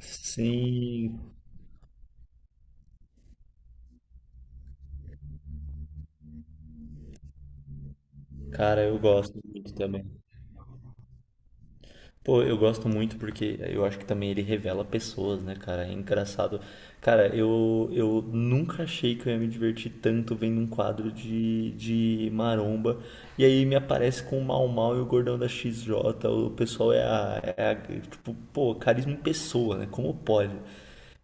Sim, cara, eu gosto muito também. Pô, eu gosto muito porque eu acho que também ele revela pessoas, né, cara? É engraçado. Cara, eu nunca achei que eu ia me divertir tanto vendo um quadro de maromba. E aí me aparece com o Mau Mau e o Gordão da XJ. O pessoal é a, é a- Tipo, pô, carisma em pessoa, né? Como pode?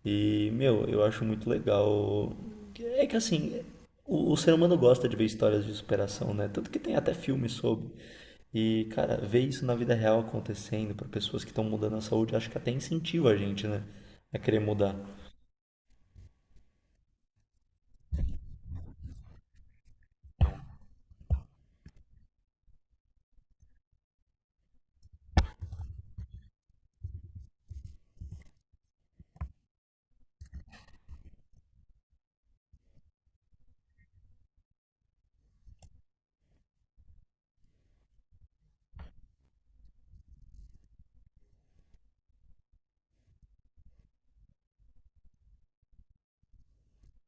E, meu, eu acho muito legal. É que assim, o ser humano gosta de ver histórias de superação, né? Tanto que tem até filme sobre. E, cara, ver isso na vida real acontecendo para pessoas que estão mudando a saúde, acho que até incentiva a gente, né, a querer mudar.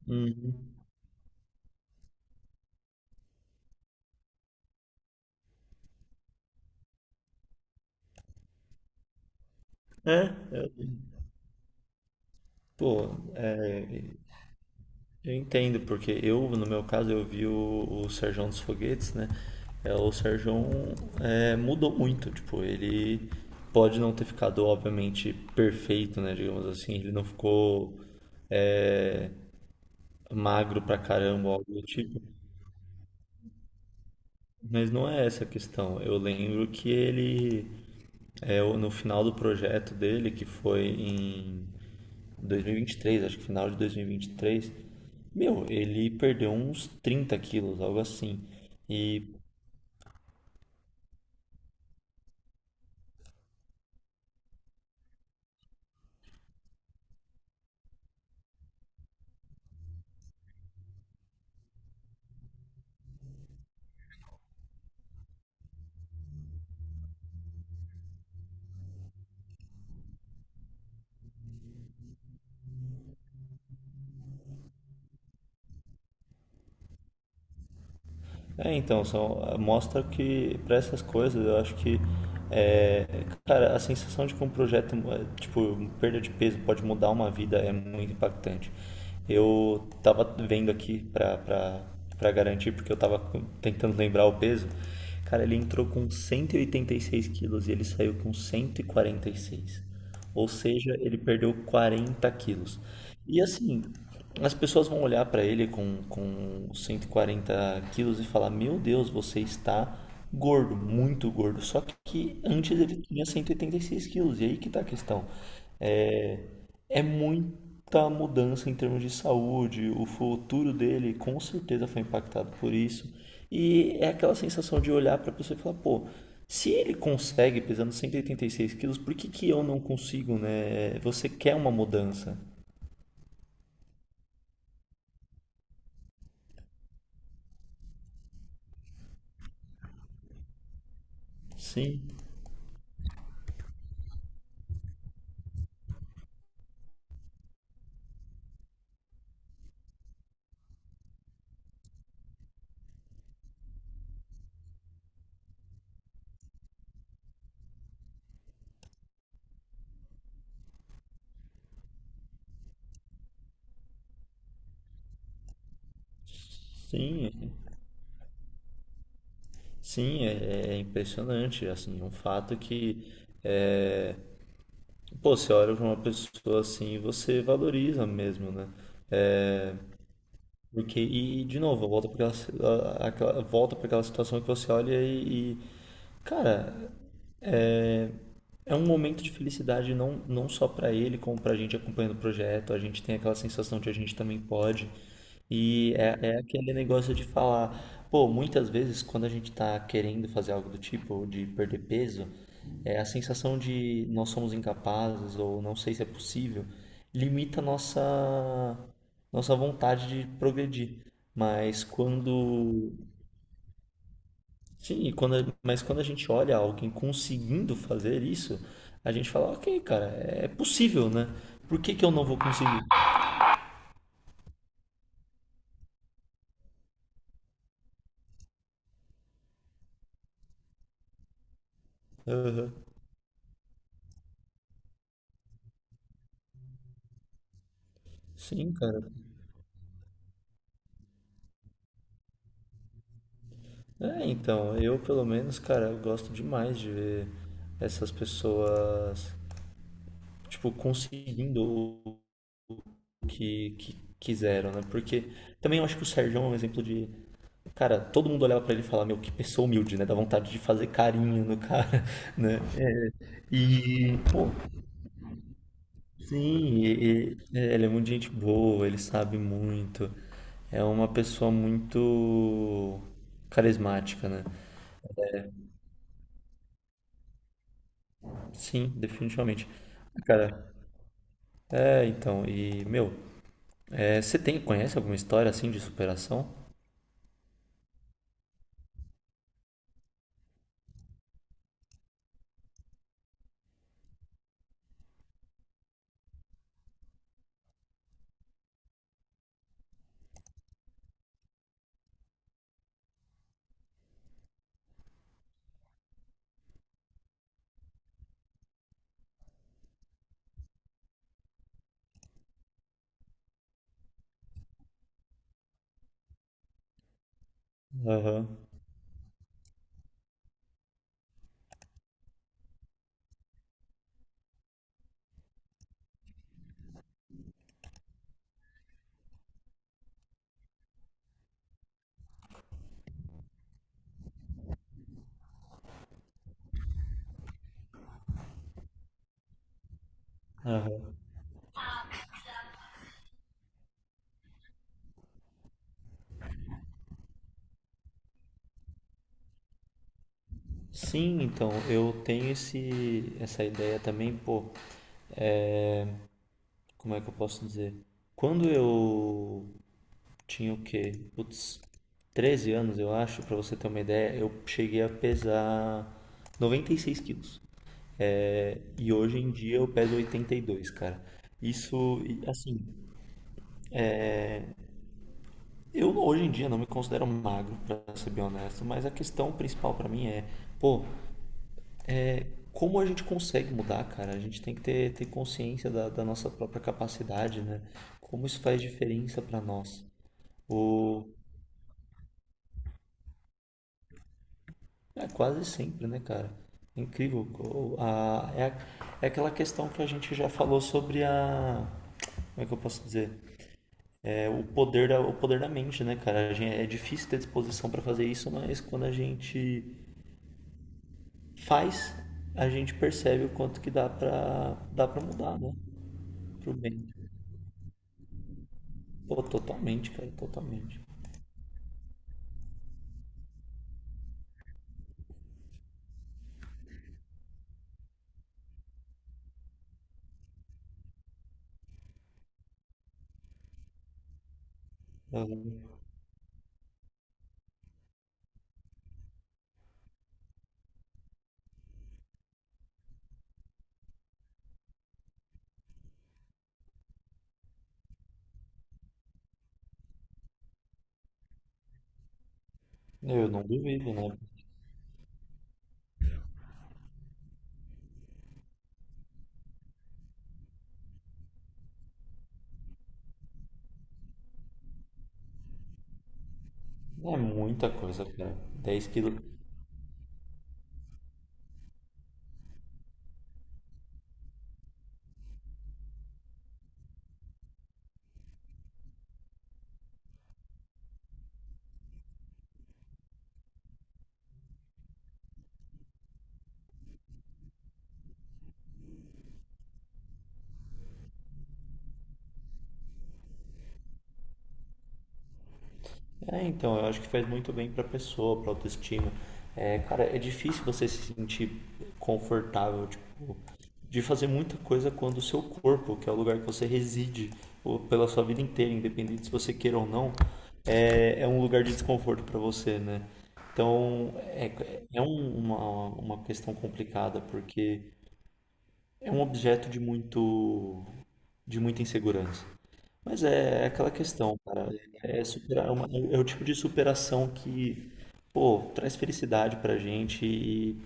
Uhum. É, eu- pô, é, eu entendo, porque eu, no meu caso, eu vi o Serjão dos Foguetes, né? O Serjão mudou muito, tipo, ele pode não ter ficado, obviamente, perfeito, né, digamos assim, ele não ficou é, magro pra caramba, algo do tipo. Mas não é essa a questão. Eu lembro que ele É, o- No final do projeto dele, que foi em dois mil e vinte e três, acho que final de dois mil e vinte e três, meu, ele perdeu uns 30 quilos, algo assim. E então, mostra que para essas coisas eu acho que é, cara, a sensação de que um projeto, é, tipo, perda de peso pode mudar uma vida é muito impactante. Eu tava vendo aqui pra garantir, porque tentando lembrar o peso. Cara, ele entrou com 186 quilos e ele saiu com 146. Ou seja, ele perdeu 40 quilos. E assim, as pessoas vão olhar para ele com 140 quilos e falar: Meu Deus, você está gordo, muito gordo. Só que antes ele tinha cento e oitenta e seis quilos, e aí que tá a questão. É, é muita mudança em termos de saúde, o futuro dele com certeza foi impactado por isso. E é aquela sensação de olhar para a pessoa e falar: Pô. Se ele consegue pesando cento e oitenta e seis quilos, por que que eu não consigo, né? Você quer uma mudança. Sim, sim, sim, é, é impressionante, assim, um fato que, é, pô, você olha para uma pessoa assim e você valoriza mesmo, né? É, porque, de novo, volta para aquela situação que você olha cara, é é um momento de felicidade não, não só para ele, como para a gente acompanhando o projeto, a gente tem aquela sensação de a gente também pode. E é, é aquele negócio de falar, pô, muitas vezes quando a gente tá querendo fazer algo do tipo, ou de perder peso, é a sensação de nós somos incapazes ou não sei se é possível, limita a nossa vontade de progredir. Mas quando, sim, mas quando a gente olha alguém conseguindo fazer isso, a gente fala, ok, cara, é possível, né? Por que que eu não vou conseguir? Aham. Sim, cara. É, então, eu pelo menos, cara, eu gosto demais de ver essas pessoas, tipo, conseguindo que quiseram, né? Porque também eu acho que o Sérgio é um exemplo de. Cara, todo mundo olhava pra ele e falava, meu, que pessoa humilde, né? Dá vontade de fazer carinho no cara, né? E, pô, sim, e- é, Ele é muito gente boa, ele sabe muito. É uma pessoa muito carismática, né? Sim, definitivamente. Cara, é, então, e, meu, é, você tem, conhece alguma história assim de superação? Aham, aham. Sim, então, eu tenho esse, essa ideia também, pô, como é que eu posso dizer? Quando eu tinha o quê? Putz, 13 anos, eu acho, pra você ter uma ideia, eu cheguei a pesar 96 quilos. É, e hoje em dia eu peso 82, cara. Isso, e, assim, eu hoje em dia não me considero magro, pra ser bem honesto, mas a questão principal pra mim é, pô, como a gente consegue mudar, cara? A gente tem que ter consciência da, da nossa própria capacidade, né? Como isso faz diferença pra nós. O, é quase sempre, né, cara? É incrível. É aquela questão que a gente já falou sobre a. Como é que eu posso dizer? É o poder da mente, né, cara? A gente, é difícil ter disposição pra fazer isso, mas quando a gente faz, a gente percebe o quanto que dá pra mudar, né? Pro bem. Pô, totalmente, cara, totalmente. Eu, eu não duvido, né? É muita coisa, cara. 10 quilos. É, então, eu acho que faz muito bem pra pessoa, pra autoestima. É, cara, é difícil você se sentir confortável, tipo, de fazer muita coisa quando o seu corpo, que é o lugar que você reside ou pela sua vida inteira, independente se você queira ou não, é, é um lugar de desconforto pra você, né? Então, é uma questão complicada, porque é um objeto de muito, de muita insegurança. Mas é aquela questão, cara. É, superar é uma- É o tipo de superação que, pô, traz felicidade pra gente. E,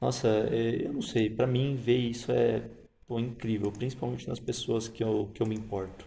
nossa, é, eu não sei. Pra mim, ver isso é, pô, incrível, principalmente nas pessoas que eu me importo.